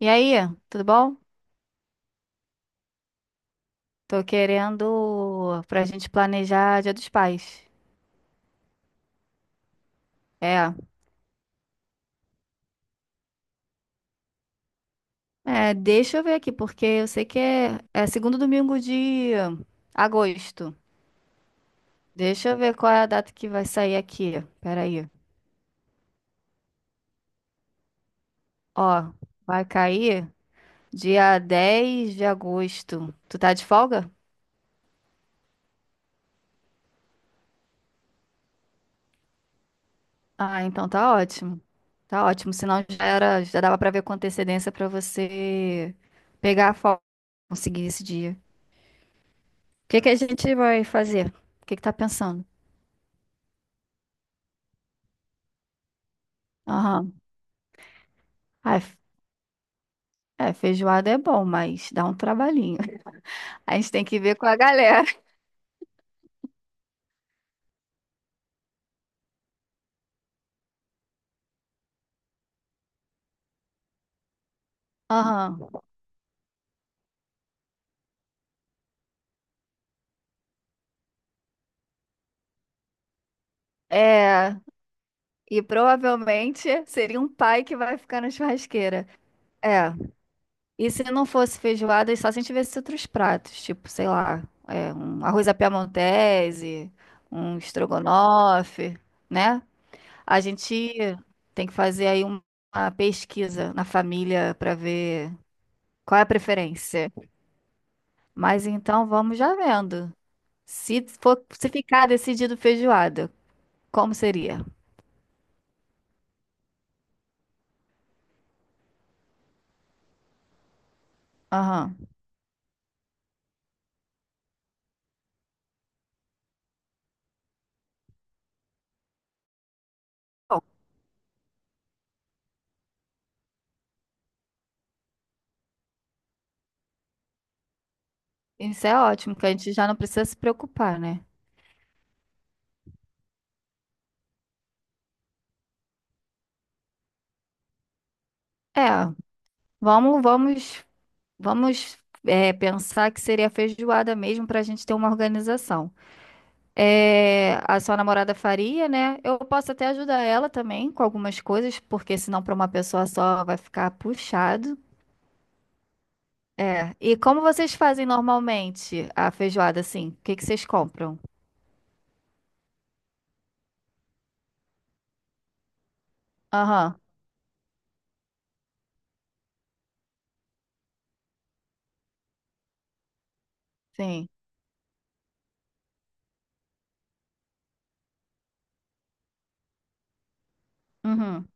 E aí, tudo bom? Tô querendo pra gente planejar Dia dos Pais. É, Deixa eu ver aqui, porque eu sei que é segundo domingo de agosto. Deixa eu ver qual é a data que vai sair aqui. Pera aí. Ó, vai cair dia 10 de agosto. Tu tá de folga? Ah, então tá ótimo. Tá ótimo, senão já era, já dava pra ver com antecedência pra você pegar a folga, conseguir esse dia. O que que a gente vai fazer? O que que tá pensando? Aham. Ah, é, feijoada é bom, mas dá um trabalhinho. A gente tem que ver com a galera. Aham. É, e provavelmente seria um pai que vai ficar na churrasqueira. É. E se não fosse feijoada, é só se a gente tivesse outros pratos, tipo, sei lá, é, um arroz à piamontese, um estrogonofe, né? A gente tem que fazer aí uma pesquisa na família para ver. Qual é a preferência? Mas então vamos já vendo. Se ficar decidido feijoada, como seria? Aham. Bom, isso é ótimo, que a gente já não precisa se preocupar, né? É, vamos, vamos, vamos pensar que seria feijoada mesmo para a gente ter uma organização. É, a sua namorada faria, né? Eu posso até ajudar ela também com algumas coisas, porque senão para uma pessoa só vai ficar puxado. É. E como vocês fazem normalmente a feijoada, assim? O que que vocês compram? Aham, sim. Uhum.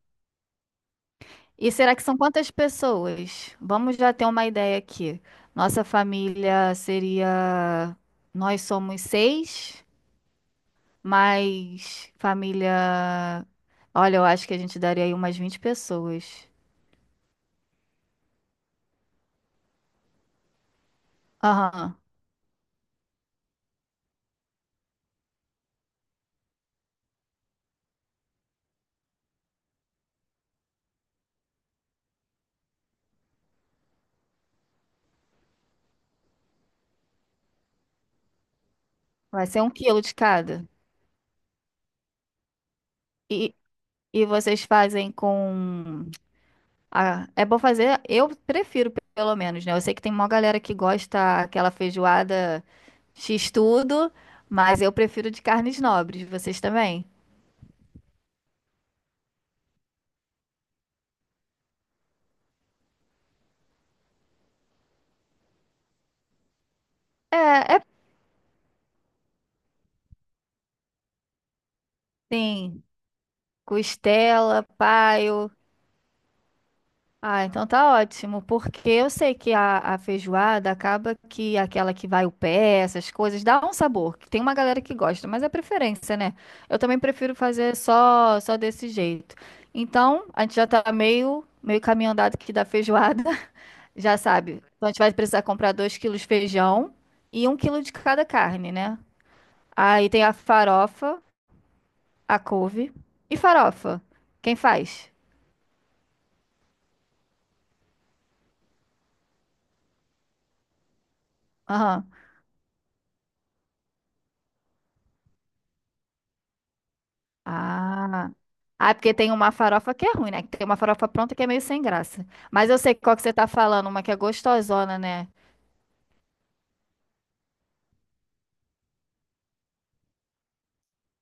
E será que são quantas pessoas? Vamos já ter uma ideia aqui. Nossa família seria. Nós somos seis, mas família. Olha, eu acho que a gente daria aí umas 20 pessoas. Aham. Vai ser 1 quilo de cada. E, e vocês fazem com. Ah, é bom fazer, eu prefiro pelo menos, né? Eu sei que tem uma galera que gosta aquela feijoada X tudo, mas eu prefiro de carnes nobres, vocês também? É, é sim, costela, paio. Ah, então tá ótimo, porque eu sei que a feijoada acaba que aquela que vai o pé, essas coisas, dá um sabor. Que tem uma galera que gosta, mas é preferência, né? Eu também prefiro fazer só desse jeito. Então, a gente já tá meio caminho andado aqui da feijoada, já sabe. Então, a gente vai precisar comprar 2 quilos de feijão e 1 quilo de cada carne, né? Aí tem a farofa, a couve e farofa. Quem faz? Aham. Ah. Ah, é porque tem uma farofa que é ruim, né? Tem uma farofa pronta que é meio sem graça. Mas eu sei qual que você tá falando, uma que é gostosona, né?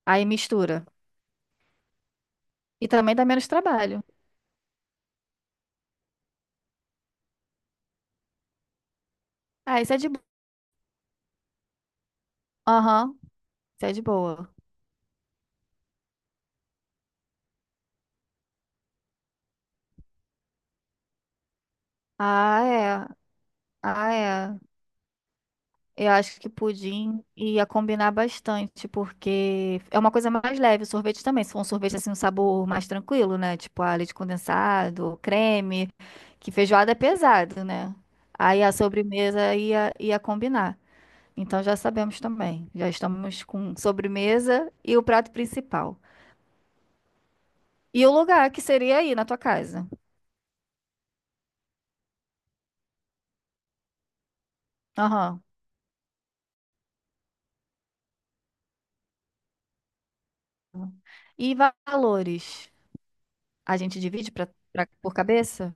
Aí mistura. E também dá menos trabalho. Ah, isso é de boa. Aham, isso é de boa. Ah, é. Ah, é. Eu acho que pudim ia combinar bastante, porque é uma coisa mais leve, o sorvete também. Se for um sorvete assim, um sabor mais tranquilo, né? Tipo a leite condensado, creme, que feijoada é pesado, né? Aí a sobremesa ia combinar. Então já sabemos também. Já estamos com sobremesa e o prato principal. E o lugar que seria aí na tua casa. Aham. E valores? A gente divide por cabeça?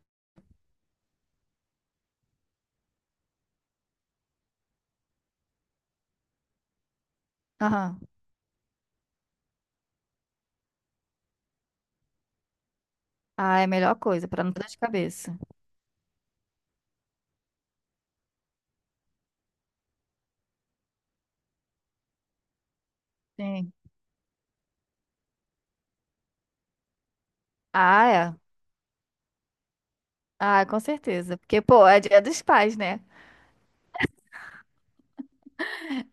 Aham. Ah, é a melhor coisa, pra não dar dor de cabeça. Sim. Ah, é. Ah, com certeza. Porque, pô, é dia dos pais, né?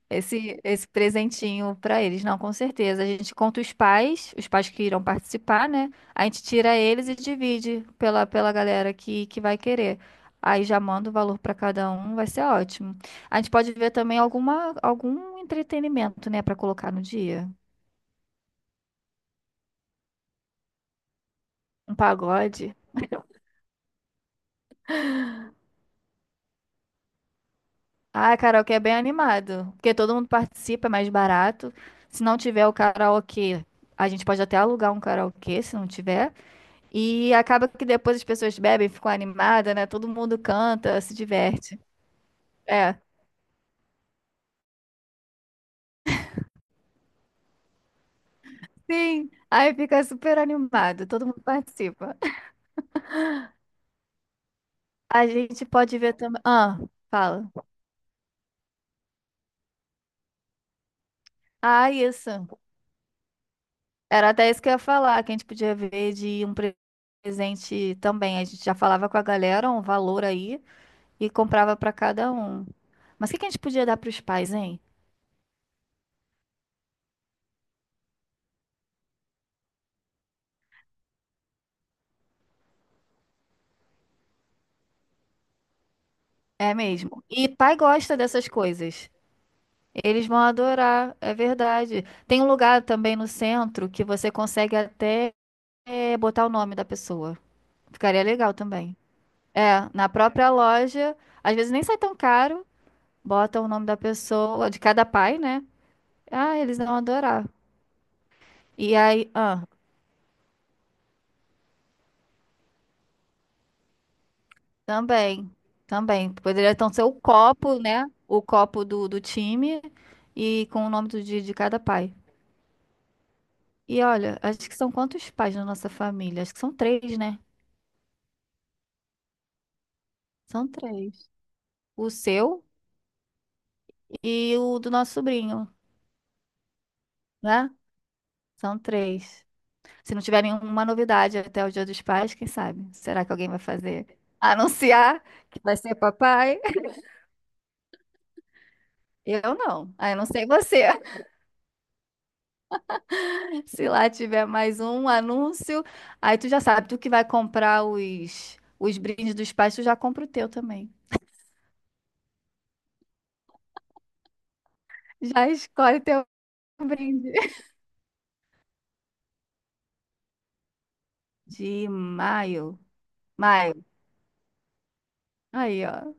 Esse presentinho pra eles. Não, com certeza. A gente conta os pais que irão participar, né? A gente tira eles e divide pela galera que vai querer. Aí já manda o valor pra cada um, vai ser ótimo. A gente pode ver também algum entretenimento, né, pra colocar no dia. Um pagode. Ah, karaokê é bem animado, porque todo mundo participa, é mais barato. Se não tiver o karaokê, a gente pode até alugar um karaokê, se não tiver. E acaba que depois as pessoas bebem, ficam animadas, né? Todo mundo canta, se diverte. É, sim. Aí fica super animado, todo mundo participa. A gente pode ver também. Ah, fala. Ah, isso. Era até isso que eu ia falar, que a gente podia ver de um presente também. A gente já falava com a galera um valor aí. E comprava para cada um. Mas o que que a gente podia dar para os pais, hein? É mesmo. E pai gosta dessas coisas. Eles vão adorar, é verdade. Tem um lugar também no centro que você consegue até botar o nome da pessoa. Ficaria legal também. É, na própria loja, às vezes nem sai tão caro, bota o nome da pessoa, de cada pai, né? Ah, eles vão adorar. E aí, ah. Também, também. Poderia então ser o copo, né? O copo do time e com o nome de cada pai. E olha, acho que são quantos pais na nossa família? Acho que são três, né? São três. O seu e o do nosso sobrinho, né? São três. Se não tiver nenhuma novidade até o Dia dos Pais, quem sabe? Será que alguém vai fazer? Anunciar que vai ser papai? Eu não. Ah, eu não sei você. Se lá tiver mais um anúncio, aí tu já sabe, tu que vai comprar os brindes dos pais, tu já compra o teu também. Já escolhe teu brinde. De maio. Maio. Aí, ó.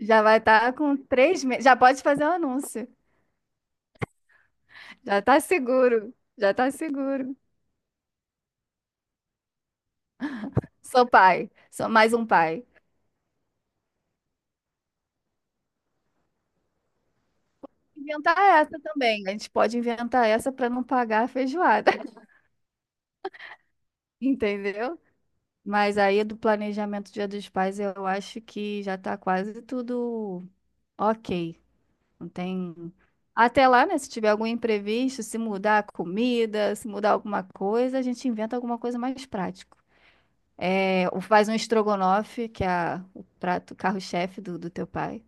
Já vai estar com 3 meses. Já pode fazer o anúncio. Já tá seguro. Já tá seguro. Sou pai. Sou mais um pai. Inventar essa também. A gente pode inventar essa para não pagar a feijoada. Entendeu? Mas aí do planejamento Dia dos Pais, eu acho que já tá quase tudo ok. Não tem. Até lá, né? Se tiver algum imprevisto, se mudar a comida, se mudar alguma coisa, a gente inventa alguma coisa mais prática. É, ou faz um estrogonofe, que é o prato carro-chefe do teu pai.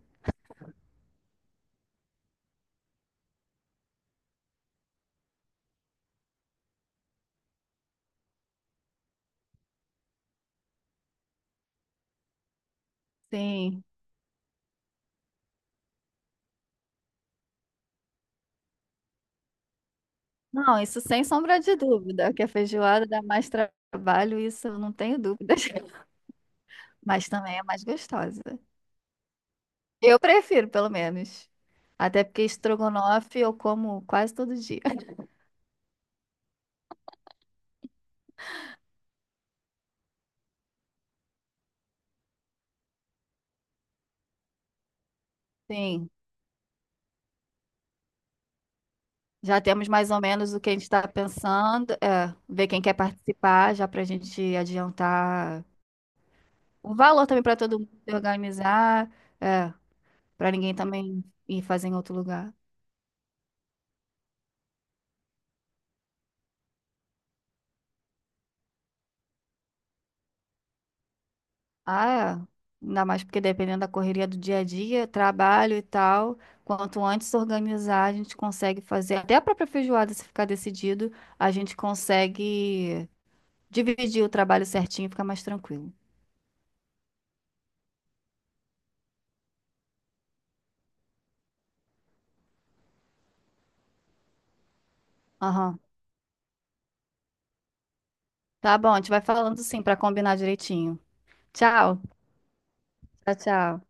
Sim. Não, isso sem sombra de dúvida, que a feijoada dá mais trabalho, isso eu não tenho dúvidas. Mas também é mais gostosa. Eu prefiro, pelo menos. Até porque estrogonofe eu como quase todo dia. Sim, já temos mais ou menos o que a gente está pensando. É, ver quem quer participar, já para a gente adiantar o valor também para todo mundo se organizar, é, para ninguém também ir fazer em outro lugar. Ah, é. Ainda mais porque dependendo da correria do dia a dia, trabalho e tal, quanto antes se organizar, a gente consegue fazer. Até a própria feijoada, se ficar decidido, a gente consegue. Dividir o trabalho certinho fica mais tranquilo. Aham. Tá bom, a gente vai falando sim pra combinar direitinho. Tchau. Tchau, tchau.